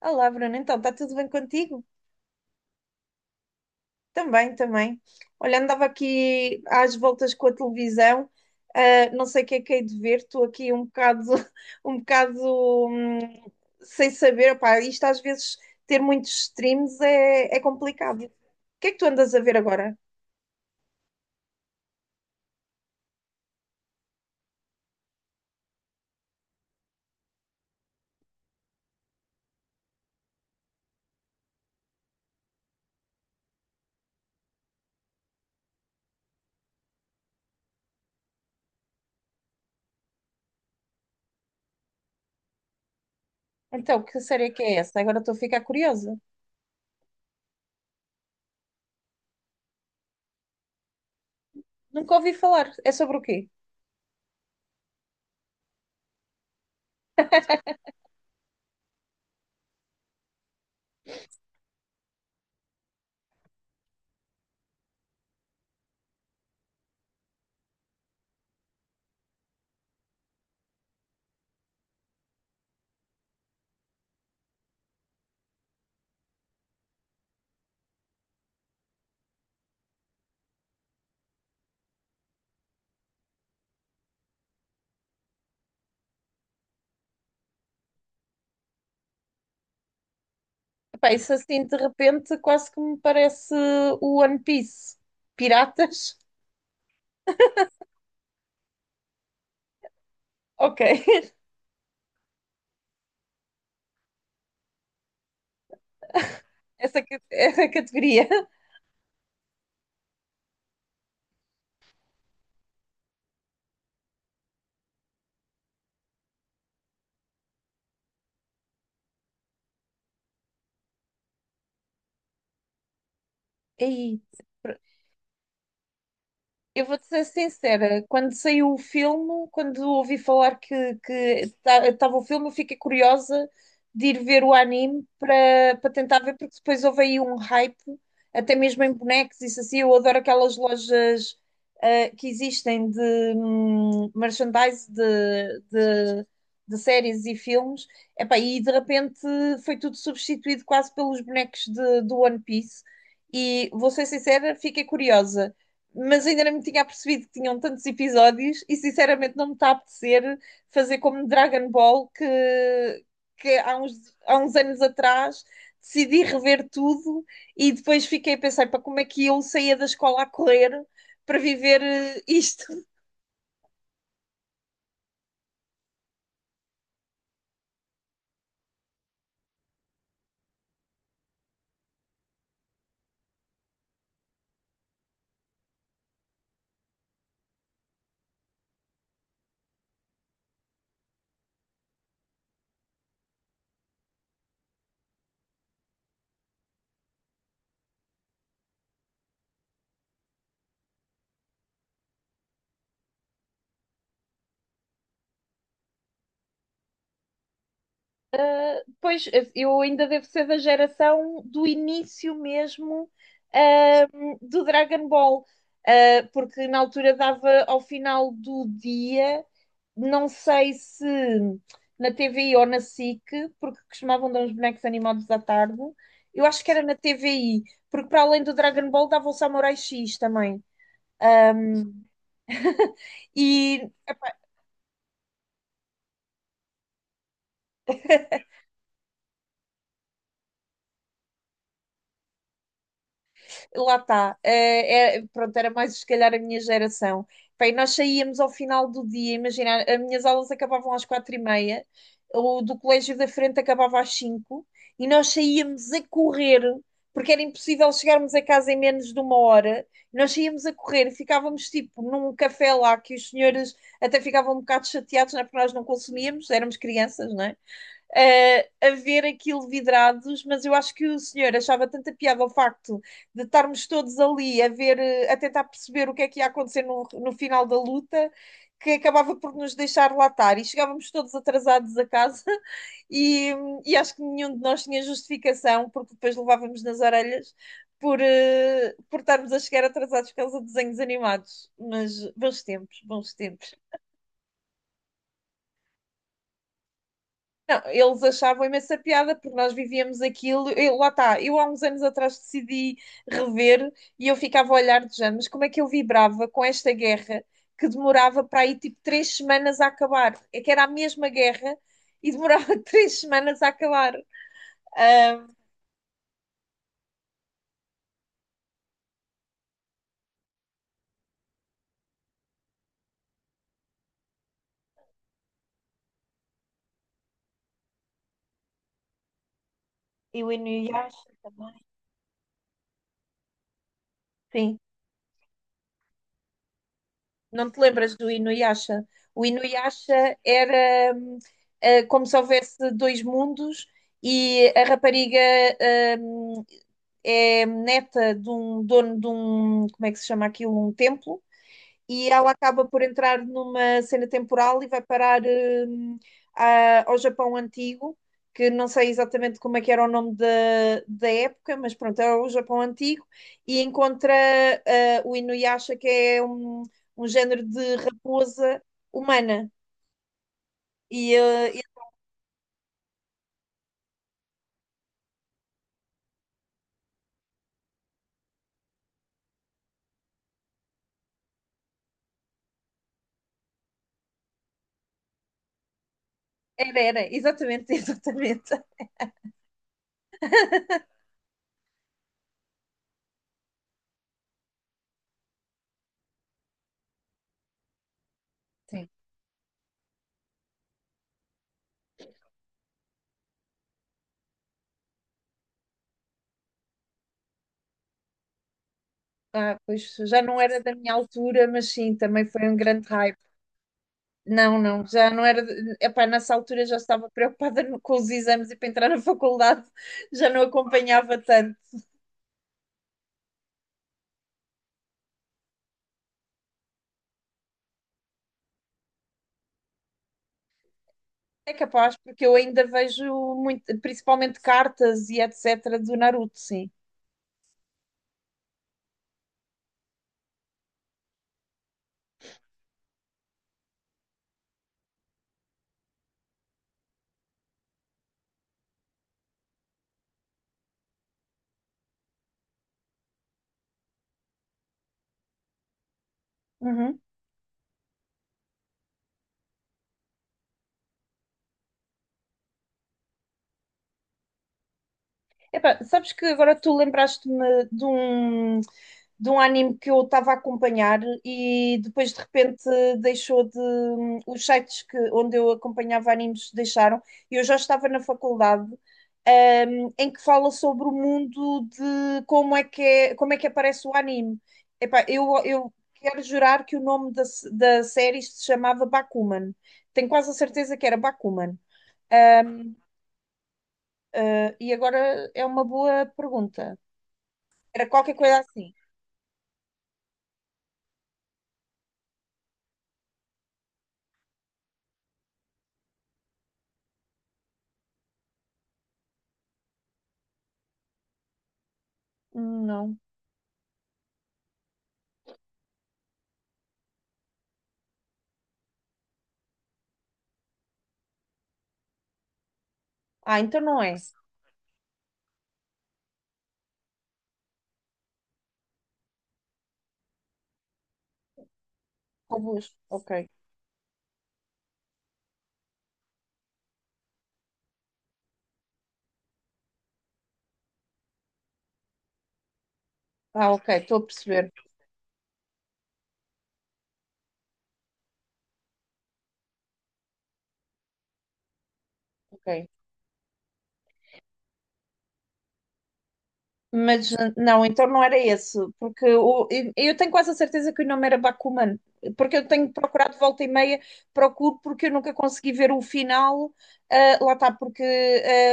Olá, Bruno. Então, está tudo bem contigo? Também, também. Olha, andava aqui às voltas com a televisão, não sei o que é que hei de ver, estou aqui um bocado, um bocado, hum, sem saber. Opá, isto às vezes ter muitos streams é complicado. O que é que tu andas a ver agora? Então, que série é que é essa? Agora estou a ficar curiosa. Nunca ouvi falar. É sobre o quê? Epá, isso assim de repente quase que me parece o One Piece. Piratas? Ok. Essa categoria. Aí, eu vou-te ser sincera, quando saiu o filme, quando ouvi falar que estava o filme, eu fiquei curiosa de ir ver o anime para tentar ver, porque depois houve aí um hype, até mesmo em bonecos, isso assim, eu adoro aquelas lojas que existem de merchandise de séries e filmes. Epá, e de repente foi tudo substituído quase pelos bonecos do One Piece, e vou ser sincera, fiquei curiosa, mas ainda não me tinha apercebido que tinham tantos episódios e sinceramente não me está a apetecer fazer como Dragon Ball que há uns anos atrás decidi rever tudo e depois fiquei a pensar, para como é que eu saía da escola a correr para viver isto. Ah, pois eu ainda devo ser da geração do início mesmo ah, do Dragon Ball, porque na altura dava ao final do dia, não sei se na TVI ou na SIC, porque costumavam dar uns bonecos animados à tarde. Eu acho que era na TVI, porque para além do Dragon Ball dava o Samurai X também. E lá está. Pronto, era mais se calhar a minha geração. Bem, nós saíamos ao final do dia, imagina, as minhas aulas acabavam às 4:30, o do colégio da frente acabava às 5, e nós saíamos a correr, porque era impossível chegarmos a casa em menos de uma hora. Nós saíamos a correr, ficávamos tipo num café lá que os senhores até ficavam um bocado chateados, não é? Porque nós não consumíamos, éramos crianças, não é? A ver aquilo vidrados, mas eu acho que o senhor achava tanta piada o facto de estarmos todos ali a ver, a tentar perceber o que é que ia acontecer no final da luta, que acabava por nos deixar latar e chegávamos todos atrasados a casa e, e acho que nenhum de nós tinha justificação, porque depois levávamos nas orelhas por estarmos a chegar atrasados por causa de desenhos animados. Mas bons tempos, bons tempos. Não, eles achavam imensa piada porque nós vivíamos aquilo. Eu, lá está, eu há uns anos atrás decidi rever e eu ficava a olhar de género, mas como é que eu vibrava com esta guerra que demorava para aí tipo 3 semanas a acabar? É que era a mesma guerra e demorava 3 semanas a acabar. Ah, e o Inuyasha também. Sim. Não te lembras do Inuyasha? O Inuyasha era, como se houvesse dois mundos, e a rapariga, hum, é neta de um dono de um, como é que se chama aquilo? Um templo. E ela acaba por entrar numa cena temporal e vai parar, ao Japão Antigo, que não sei exatamente como é que era o nome da época, mas pronto, é o Japão Antigo, e encontra o Inuyasha, que é um género de raposa humana. E era, era, exatamente, exatamente. Ah, pois já não era da minha altura, mas sim, também foi um grande hype. Não, não, já não era. Epá, nessa altura já estava preocupada com os exames e para entrar na faculdade, já não acompanhava tanto. É capaz, porque eu ainda vejo muito, principalmente cartas e etc. do Naruto, sim. Uhum. Epá, sabes que agora tu lembraste-me de um anime que eu estava a acompanhar e depois de repente deixou de. Os sites que, onde eu acompanhava animes deixaram, e eu já estava na faculdade, em que fala sobre o mundo de como é que aparece o anime. Epá, eu quero jurar que o nome da série se chamava Bakuman. Tenho quase a certeza que era Bakuman. Um, e agora é uma boa pergunta. Era qualquer coisa assim. Não. Ah, então não é. Robôs. Ok. Ah, ok. Estou a perceber. Ok. Mas não, então não era esse, porque eu tenho quase a certeza que o nome era Bakuman, porque eu tenho procurado volta e meia, procuro porque eu nunca consegui ver o final. Ah, lá está, porque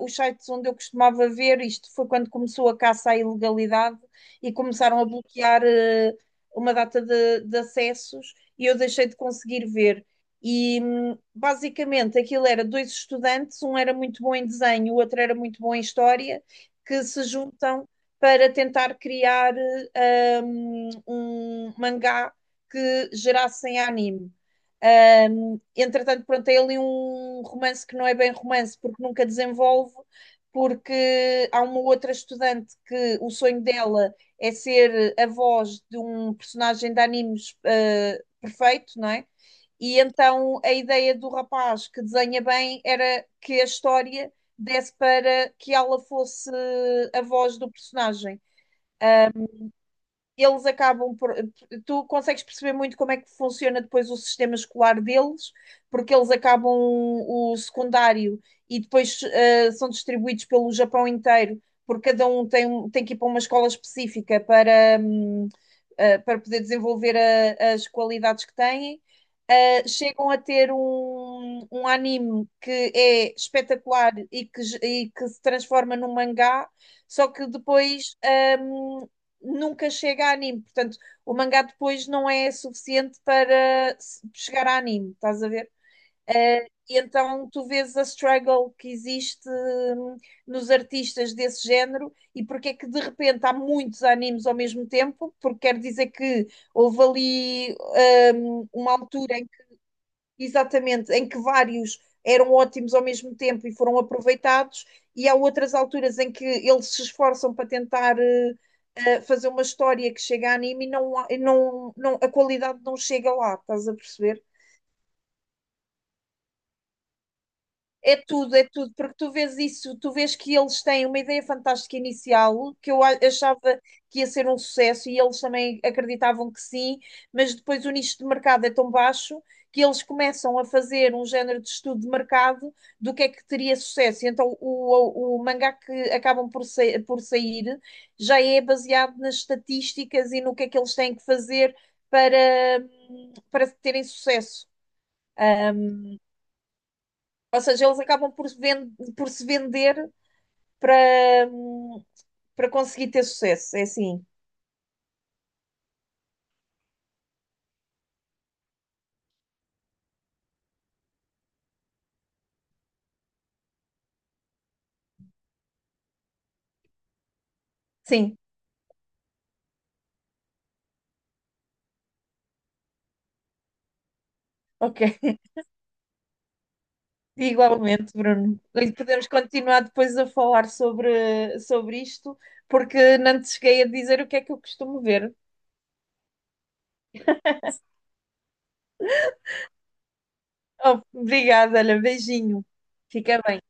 os sites onde eu costumava ver, isto foi quando começou a caça à ilegalidade e começaram a bloquear uma data de acessos, e eu deixei de conseguir ver. E basicamente aquilo era dois estudantes, um era muito bom em desenho, o outro era muito bom em história, que se juntam para tentar criar um mangá que gerassem anime. Entretanto, pronto, é ali um romance que não é bem romance, porque nunca desenvolve, porque há uma outra estudante que o sonho dela é ser a voz de um personagem de animes perfeito, não é? E então a ideia do rapaz que desenha bem era que a história desse para que ela fosse a voz do personagem, eles acabam por. Tu consegues perceber muito como é que funciona depois o sistema escolar deles, porque eles acabam o secundário e depois são distribuídos pelo Japão inteiro, porque cada um tem, tem que ir para uma escola específica para poder desenvolver as qualidades que têm. Chegam a ter um anime que é espetacular e que, se transforma num mangá, só que depois. hum, Nunca chega a anime. Portanto, o mangá depois não é suficiente para chegar a anime, estás a ver? E então tu vês a struggle que existe, nos artistas desse género, e porque é que de repente há muitos animes ao mesmo tempo, porque quer dizer que houve ali uma altura. Exatamente, em que vários eram ótimos ao mesmo tempo e foram aproveitados, e há outras alturas em que eles se esforçam para tentar fazer uma história que chega a anime e não, e não, não, a qualidade não chega lá, estás a perceber? É tudo, porque tu vês isso, tu vês que eles têm uma ideia fantástica inicial, que eu achava que ia ser um sucesso e eles também acreditavam que sim, mas depois o nicho de mercado é tão baixo que eles começam a fazer um género de estudo de mercado do que é que teria sucesso. E então o mangá que acabam por sair já é baseado nas estatísticas e no que é que eles têm que fazer para, para terem sucesso. Ah, ou seja, eles acabam por se vender para, para conseguir ter sucesso. É assim. Sim, ok. Igualmente, Bruno. E podemos continuar depois a falar sobre isto, porque não te cheguei a dizer o que é que eu costumo ver. Oh, obrigada, olha, beijinho. Fica bem.